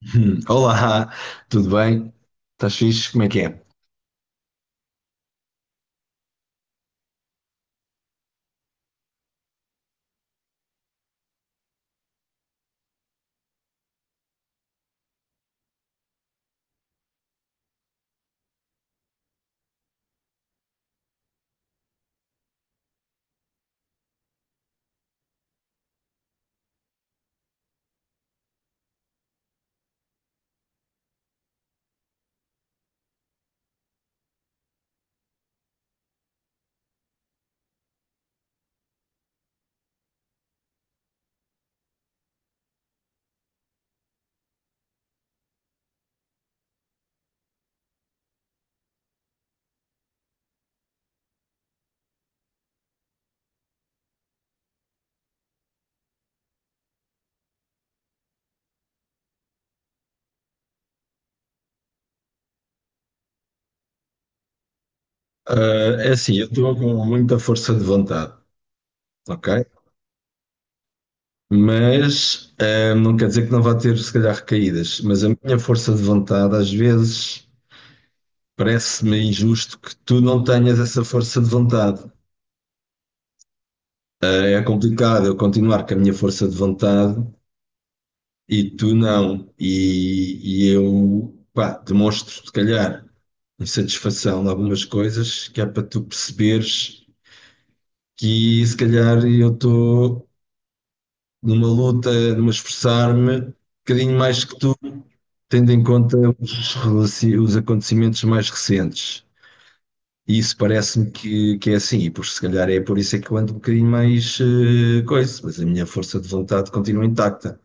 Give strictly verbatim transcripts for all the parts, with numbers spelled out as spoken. Hum, Olá, tudo bem? Estás fixe? Como é que é? Ah, é assim, eu estou com muita força de vontade, ok? Mas ah, não quer dizer que não vá ter, se calhar, recaídas. Mas a minha força de vontade, às vezes, parece-me injusto que tu não tenhas essa força de vontade. É complicado eu continuar com a minha força de vontade e tu não. E, e eu, pá, demonstro, se calhar, insatisfação em algumas coisas que é para tu perceberes. Que se calhar eu estou numa luta, numa esforçar-me, um bocadinho mais que tu, tendo em conta os, relaci- os acontecimentos mais recentes. E isso parece-me que, que é assim, e por se calhar é por isso é que eu ando um bocadinho mais eh, coisa, mas a minha força de vontade continua intacta.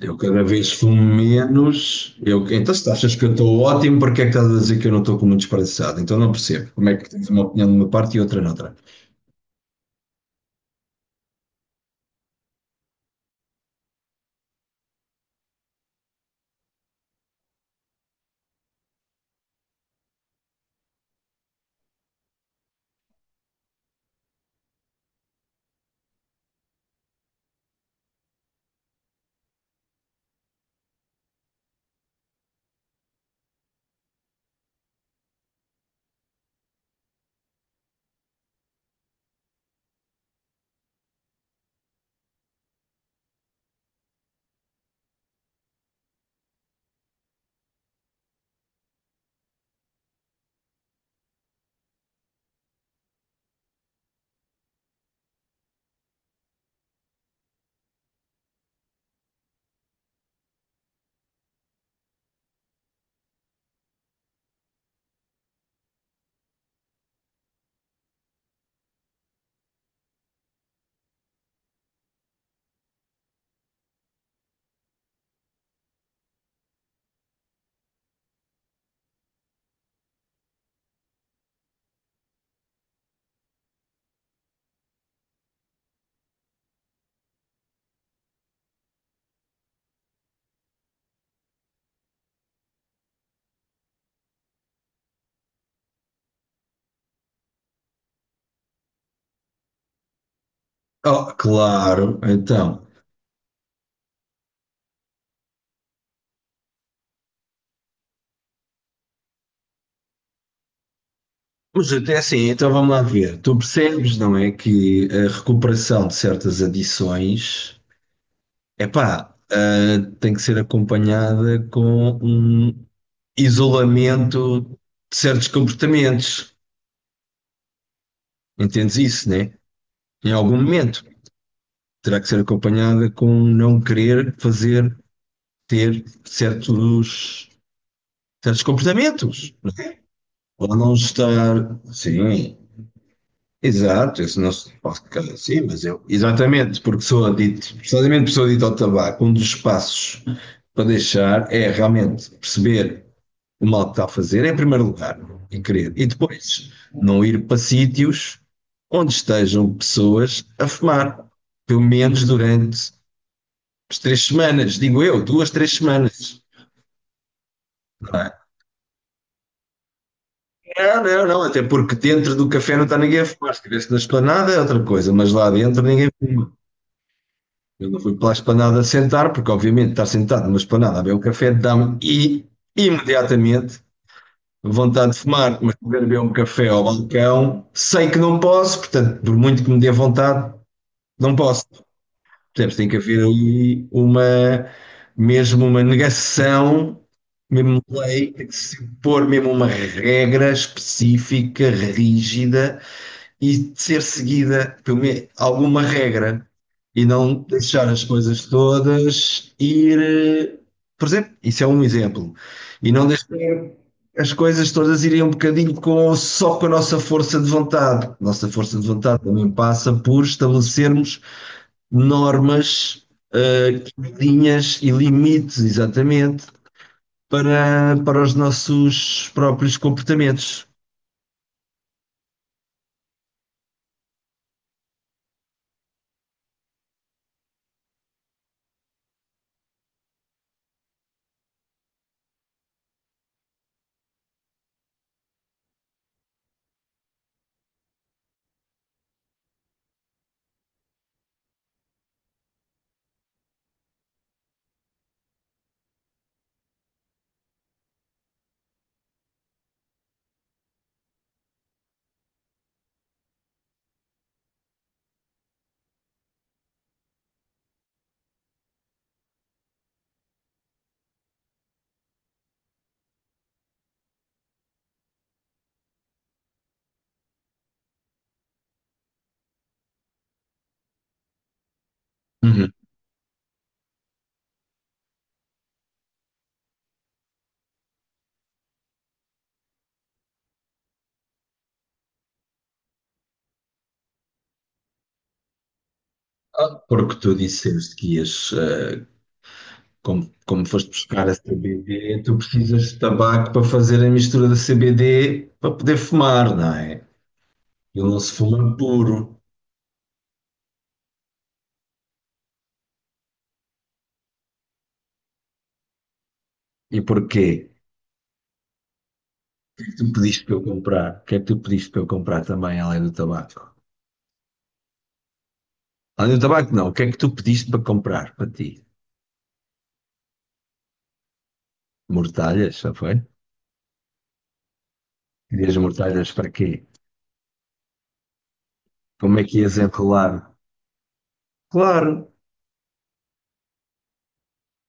Eu cada vez fumo menos. Eu, então, se tu achas que eu estou ótimo, porque é que estás a dizer que eu não estou com muito desperdiçado? Então não percebo como é que tens uma opinião de uma parte e outra noutra. Oh, claro, então, mas até assim, então vamos lá ver. Tu percebes, não é, que a recuperação de certas adições, epá, ah, tem que ser acompanhada com um isolamento de certos comportamentos. Entendes isso, né? Em algum momento terá que ser acompanhada com não querer fazer, ter certos, certos comportamentos. Ou não estar, sim, exato, isso não se pode ficar assim, mas eu. Exatamente, porque sou adito, precisamente porque sou adito ao tabaco, um dos passos para deixar é realmente perceber o mal que está a fazer, em primeiro lugar, e querer. E depois, não ir para sítios onde estejam pessoas a fumar, pelo menos durante as três semanas, digo eu, duas, três semanas. Não, é? Não, não, não, até porque dentro do café não está ninguém a fumar. Se estivesse na esplanada é outra coisa, mas lá dentro ninguém fuma. Eu não fui para a esplanada sentar, porque obviamente estar sentado numa esplanada a beber um café dá-me e imediatamente vontade de fumar, mas poder beber um café ao balcão, sei que não posso, portanto, por muito que me dê vontade, não posso. Percebes? Tem que haver ali uma, mesmo uma negação, mesmo uma lei, tem que se pôr mesmo uma regra específica, rígida, e ser seguida por me- alguma regra e não deixar as coisas todas ir. eh, Por exemplo, isso é um exemplo. E não deixar as coisas todas irem um bocadinho com, só com a nossa força de vontade. Nossa força de vontade também passa por estabelecermos normas, eh, linhas e limites, exatamente, para, para os nossos próprios comportamentos. Uhum. Porque tu disseste que ias como, como foste buscar a C B D, tu precisas de tabaco para fazer a mistura da C B D para poder fumar, não é? Ele não se fuma puro. E porquê? O que é que tu pediste para eu comprar? O que é que tu pediste para eu comprar também, além do tabaco? Além do tabaco, não. O que é que tu pediste para comprar para ti? Mortalhas, já foi? Querias mortalhas para quê? Como é que ias enrolar? Claro,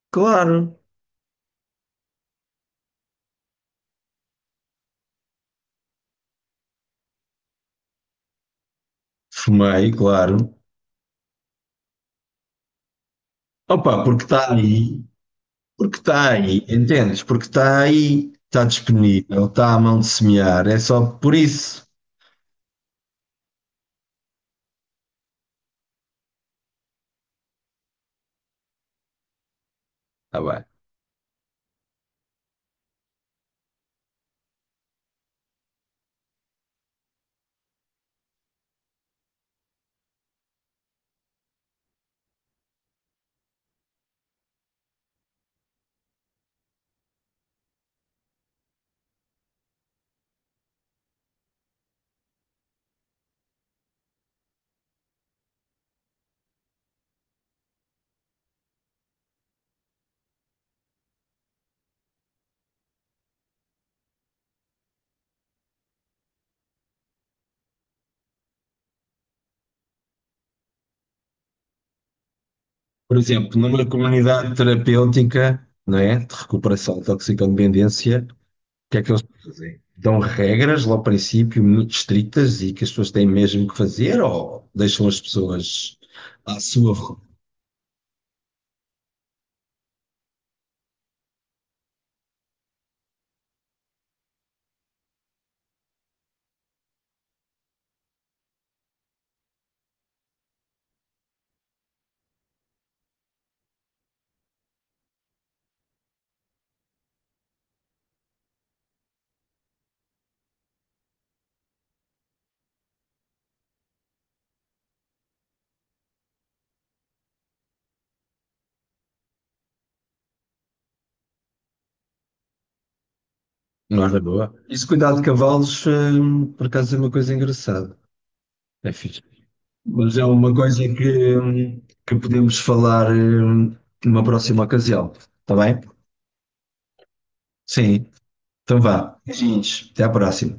claro. Fumei, claro. Opa, porque está ali porque está aí, entendes? Porque está aí, está disponível, está à mão de semear, é só por isso. Tá bem. Por exemplo, numa comunidade terapêutica, não é? De recuperação de toxicodependência, o que é que eles fazem? Dão regras lá ao princípio muito estritas e que as pessoas têm mesmo que fazer ou deixam as pessoas à sua vontade? Não é boa. Isso, cuidado de cavalos, hum, por acaso é uma coisa engraçada. É fixe. Mas é uma coisa que, que podemos falar eh, numa próxima ocasião, está bem? Sim, então vá. Beijinhos, até à próxima.